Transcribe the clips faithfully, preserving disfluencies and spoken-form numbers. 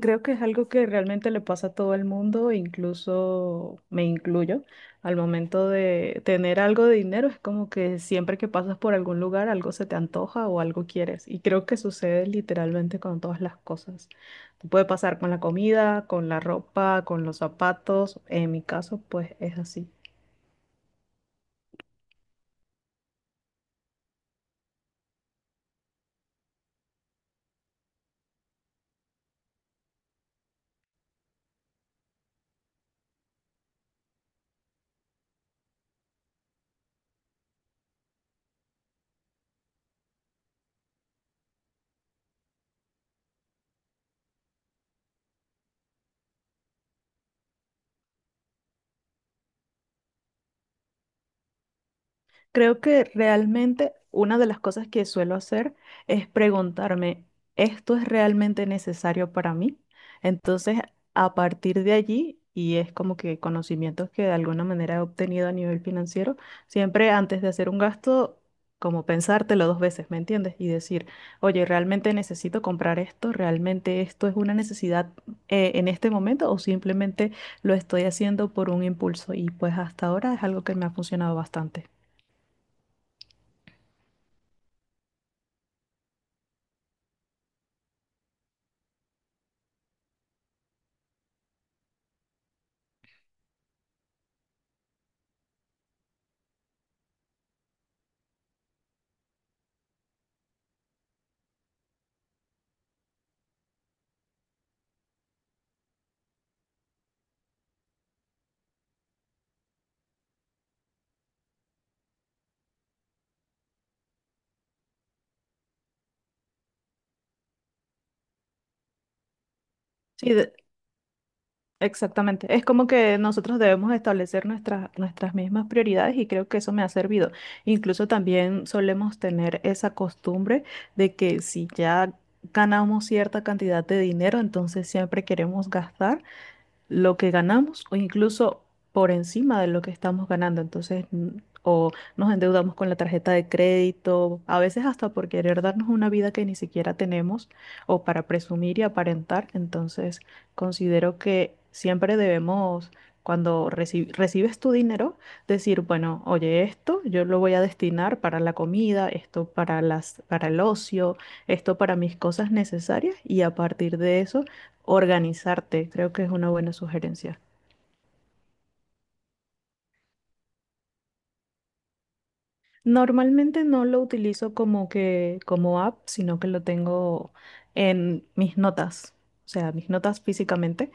Creo que es algo que realmente le pasa a todo el mundo, incluso me incluyo. Al momento de tener algo de dinero, es como que siempre que pasas por algún lugar, algo se te antoja o algo quieres. Y creo que sucede literalmente con todas las cosas. Te puede pasar con la comida, con la ropa, con los zapatos. En mi caso, pues es así. Creo que realmente una de las cosas que suelo hacer es preguntarme, ¿esto es realmente necesario para mí? Entonces, a partir de allí, y es como que conocimientos que de alguna manera he obtenido a nivel financiero, siempre antes de hacer un gasto, como pensártelo dos veces, ¿me entiendes? Y decir, oye, ¿realmente necesito comprar esto? ¿Realmente esto es una necesidad eh, en este momento o simplemente lo estoy haciendo por un impulso? Y pues hasta ahora es algo que me ha funcionado bastante. Sí, de- exactamente. Es como que nosotros debemos establecer nuestras, nuestras mismas prioridades y creo que eso me ha servido. Incluso también solemos tener esa costumbre de que si ya ganamos cierta cantidad de dinero, entonces siempre queremos gastar lo que ganamos o incluso por encima de lo que estamos ganando. Entonces, n- o nos endeudamos con la tarjeta de crédito, a veces hasta por querer darnos una vida que ni siquiera tenemos o para presumir y aparentar. Entonces, considero que siempre debemos, cuando reci- recibes tu dinero, decir, bueno, oye, esto yo lo voy a destinar para la comida, esto para las, para el ocio, esto para mis cosas necesarias y a partir de eso organizarte, creo que es una buena sugerencia. Normalmente no lo utilizo como que como app, sino que lo tengo en mis notas, o sea, mis notas físicamente.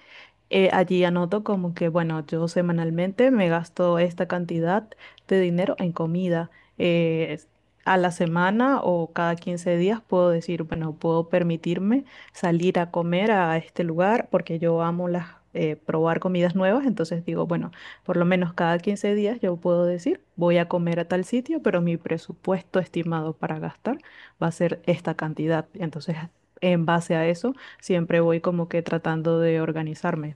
Eh, allí anoto como que, bueno, yo semanalmente me gasto esta cantidad de dinero en comida. Eh, a la semana o cada quince días puedo decir, bueno, puedo permitirme salir a comer a este lugar porque yo amo las, eh, probar comidas nuevas. Entonces digo, bueno, por lo menos cada quince días yo puedo decir, voy a comer a tal sitio, pero mi presupuesto estimado para gastar va a ser esta cantidad. Entonces, en base a eso, siempre voy como que tratando de organizarme.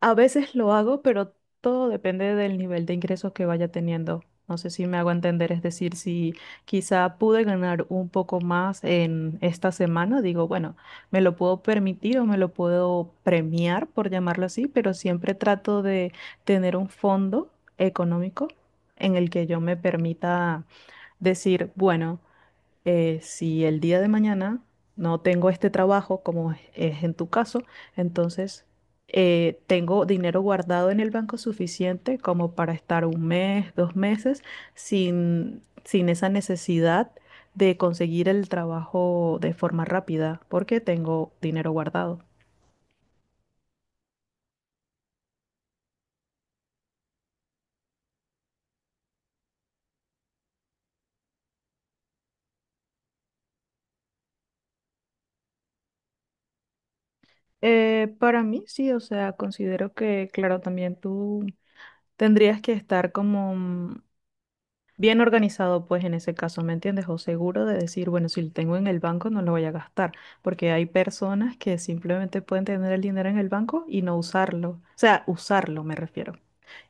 A veces lo hago, pero todo depende del nivel de ingresos que vaya teniendo. No sé si me hago entender, es decir, si quizá pude ganar un poco más en esta semana, digo, bueno, me lo puedo permitir o me lo puedo premiar, por llamarlo así, pero siempre trato de tener un fondo económico en el que yo me permita decir, bueno, eh, si el día de mañana no tengo este trabajo, como es es en tu caso, entonces, eh, tengo dinero guardado en el banco suficiente como para estar un mes, dos meses, sin, sin esa necesidad de conseguir el trabajo de forma rápida, porque tengo dinero guardado. Eh, para mí sí, o sea, considero que, claro, también tú tendrías que estar como... mm, bien organizado, pues en ese caso, ¿me entiendes? O seguro de decir, bueno, si lo tengo en el banco no lo voy a gastar, porque hay personas que simplemente pueden tener el dinero en el banco y no usarlo, o sea, usarlo me refiero.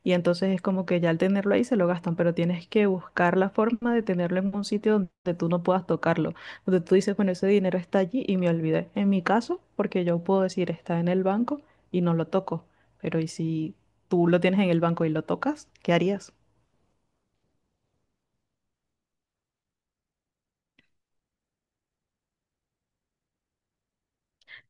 Y entonces es como que ya al tenerlo ahí se lo gastan, pero tienes que buscar la forma de tenerlo en un sitio donde tú no puedas tocarlo, donde tú dices, bueno, ese dinero está allí y me olvidé. En mi caso, porque yo puedo decir, está en el banco y no lo toco, pero ¿y si tú lo tienes en el banco y lo tocas? ¿Qué harías?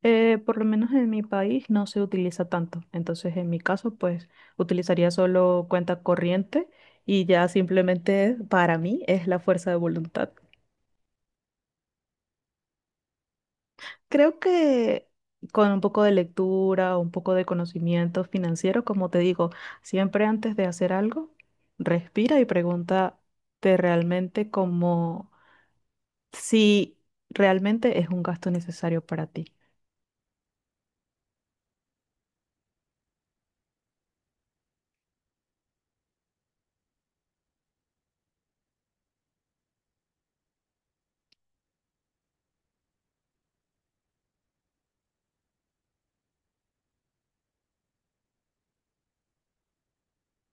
Eh, por lo menos en mi país no se utiliza tanto. Entonces, en mi caso, pues utilizaría solo cuenta corriente y ya simplemente para mí es la fuerza de voluntad. Creo que con un poco de lectura, un poco de conocimiento financiero, como te digo, siempre antes de hacer algo, respira y pregúntate realmente como si realmente es un gasto necesario para ti.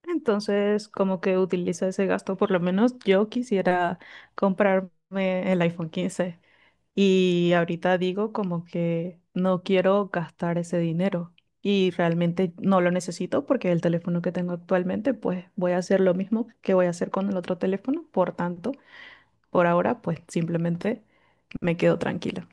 Entonces, como que utiliza ese gasto, por lo menos yo quisiera comprarme el iPhone quince y ahorita digo como que no quiero gastar ese dinero y realmente no lo necesito porque el teléfono que tengo actualmente, pues voy a hacer lo mismo que voy a hacer con el otro teléfono, por tanto, por ahora, pues simplemente me quedo tranquila.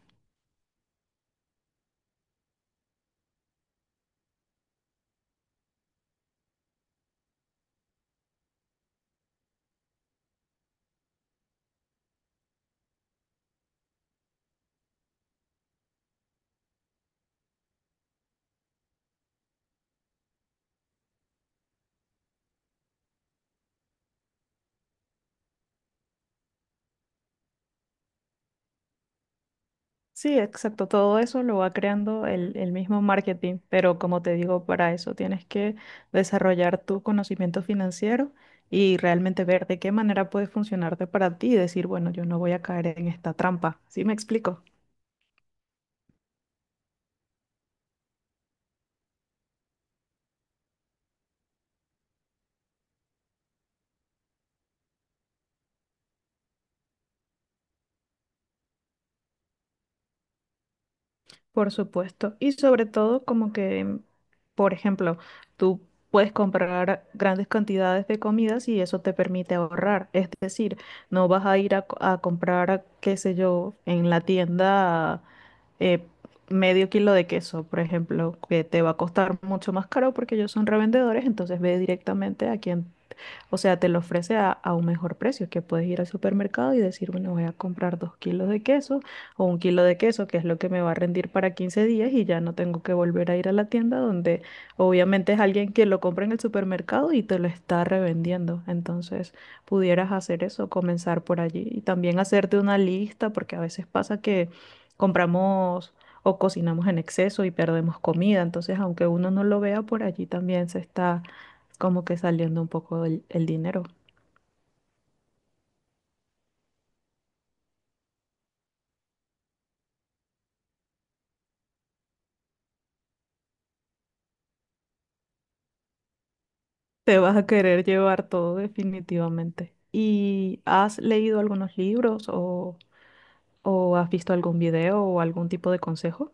Sí, exacto. Todo eso lo va creando el, el mismo marketing, pero como te digo, para eso tienes que desarrollar tu conocimiento financiero y realmente ver de qué manera puede funcionarte para ti y decir, bueno, yo no voy a caer en esta trampa. ¿Sí me explico? Por supuesto. Y sobre todo como que, por ejemplo, tú puedes comprar grandes cantidades de comidas y eso te permite ahorrar. Es decir, no vas a ir a, co- a comprar, qué sé yo, en la tienda, eh, medio kilo de queso, por ejemplo, que te va a costar mucho más caro porque ellos son revendedores, entonces ve directamente a quien, o sea, te lo ofrece a, a un mejor precio, que puedes ir al supermercado y decir, bueno, voy a comprar dos kilos de queso o un kilo de queso, que es lo que me va a rendir para quince días y ya no tengo que volver a ir a la tienda donde obviamente es alguien que lo compra en el supermercado y te lo está revendiendo. Entonces, pudieras hacer eso, comenzar por allí y también hacerte una lista, porque a veces pasa que compramos o cocinamos en exceso y perdemos comida. Entonces, aunque uno no lo vea por allí, también se está como que saliendo un poco el, el dinero. Te vas a querer llevar todo definitivamente. ¿Y has leído algunos libros o, o has visto algún video o algún tipo de consejo?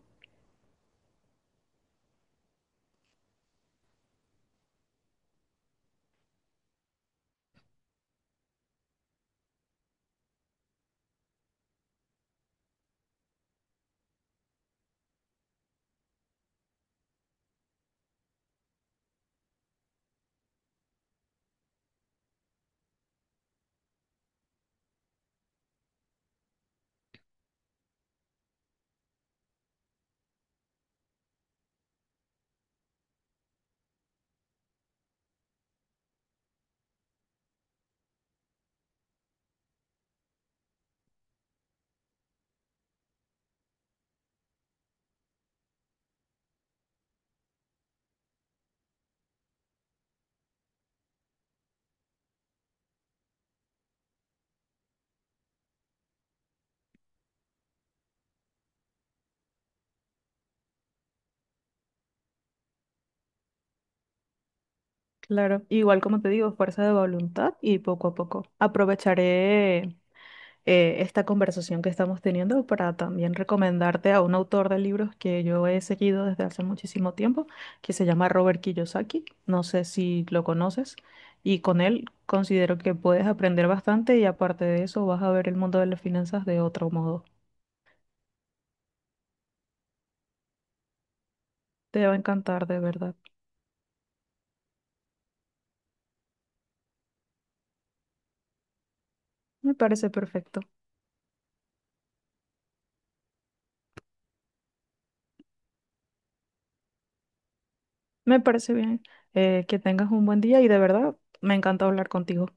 Claro, igual como te digo, fuerza de voluntad y poco a poco. Aprovecharé eh, esta conversación que estamos teniendo para también recomendarte a un autor de libros que yo he seguido desde hace muchísimo tiempo, que se llama Robert Kiyosaki. No sé si lo conoces. Y con él considero que puedes aprender bastante y aparte de eso vas a ver el mundo de las finanzas de otro modo. Te va a encantar, de verdad. Me parece perfecto. Me parece bien. Eh, que tengas un buen día y de verdad me encanta hablar contigo.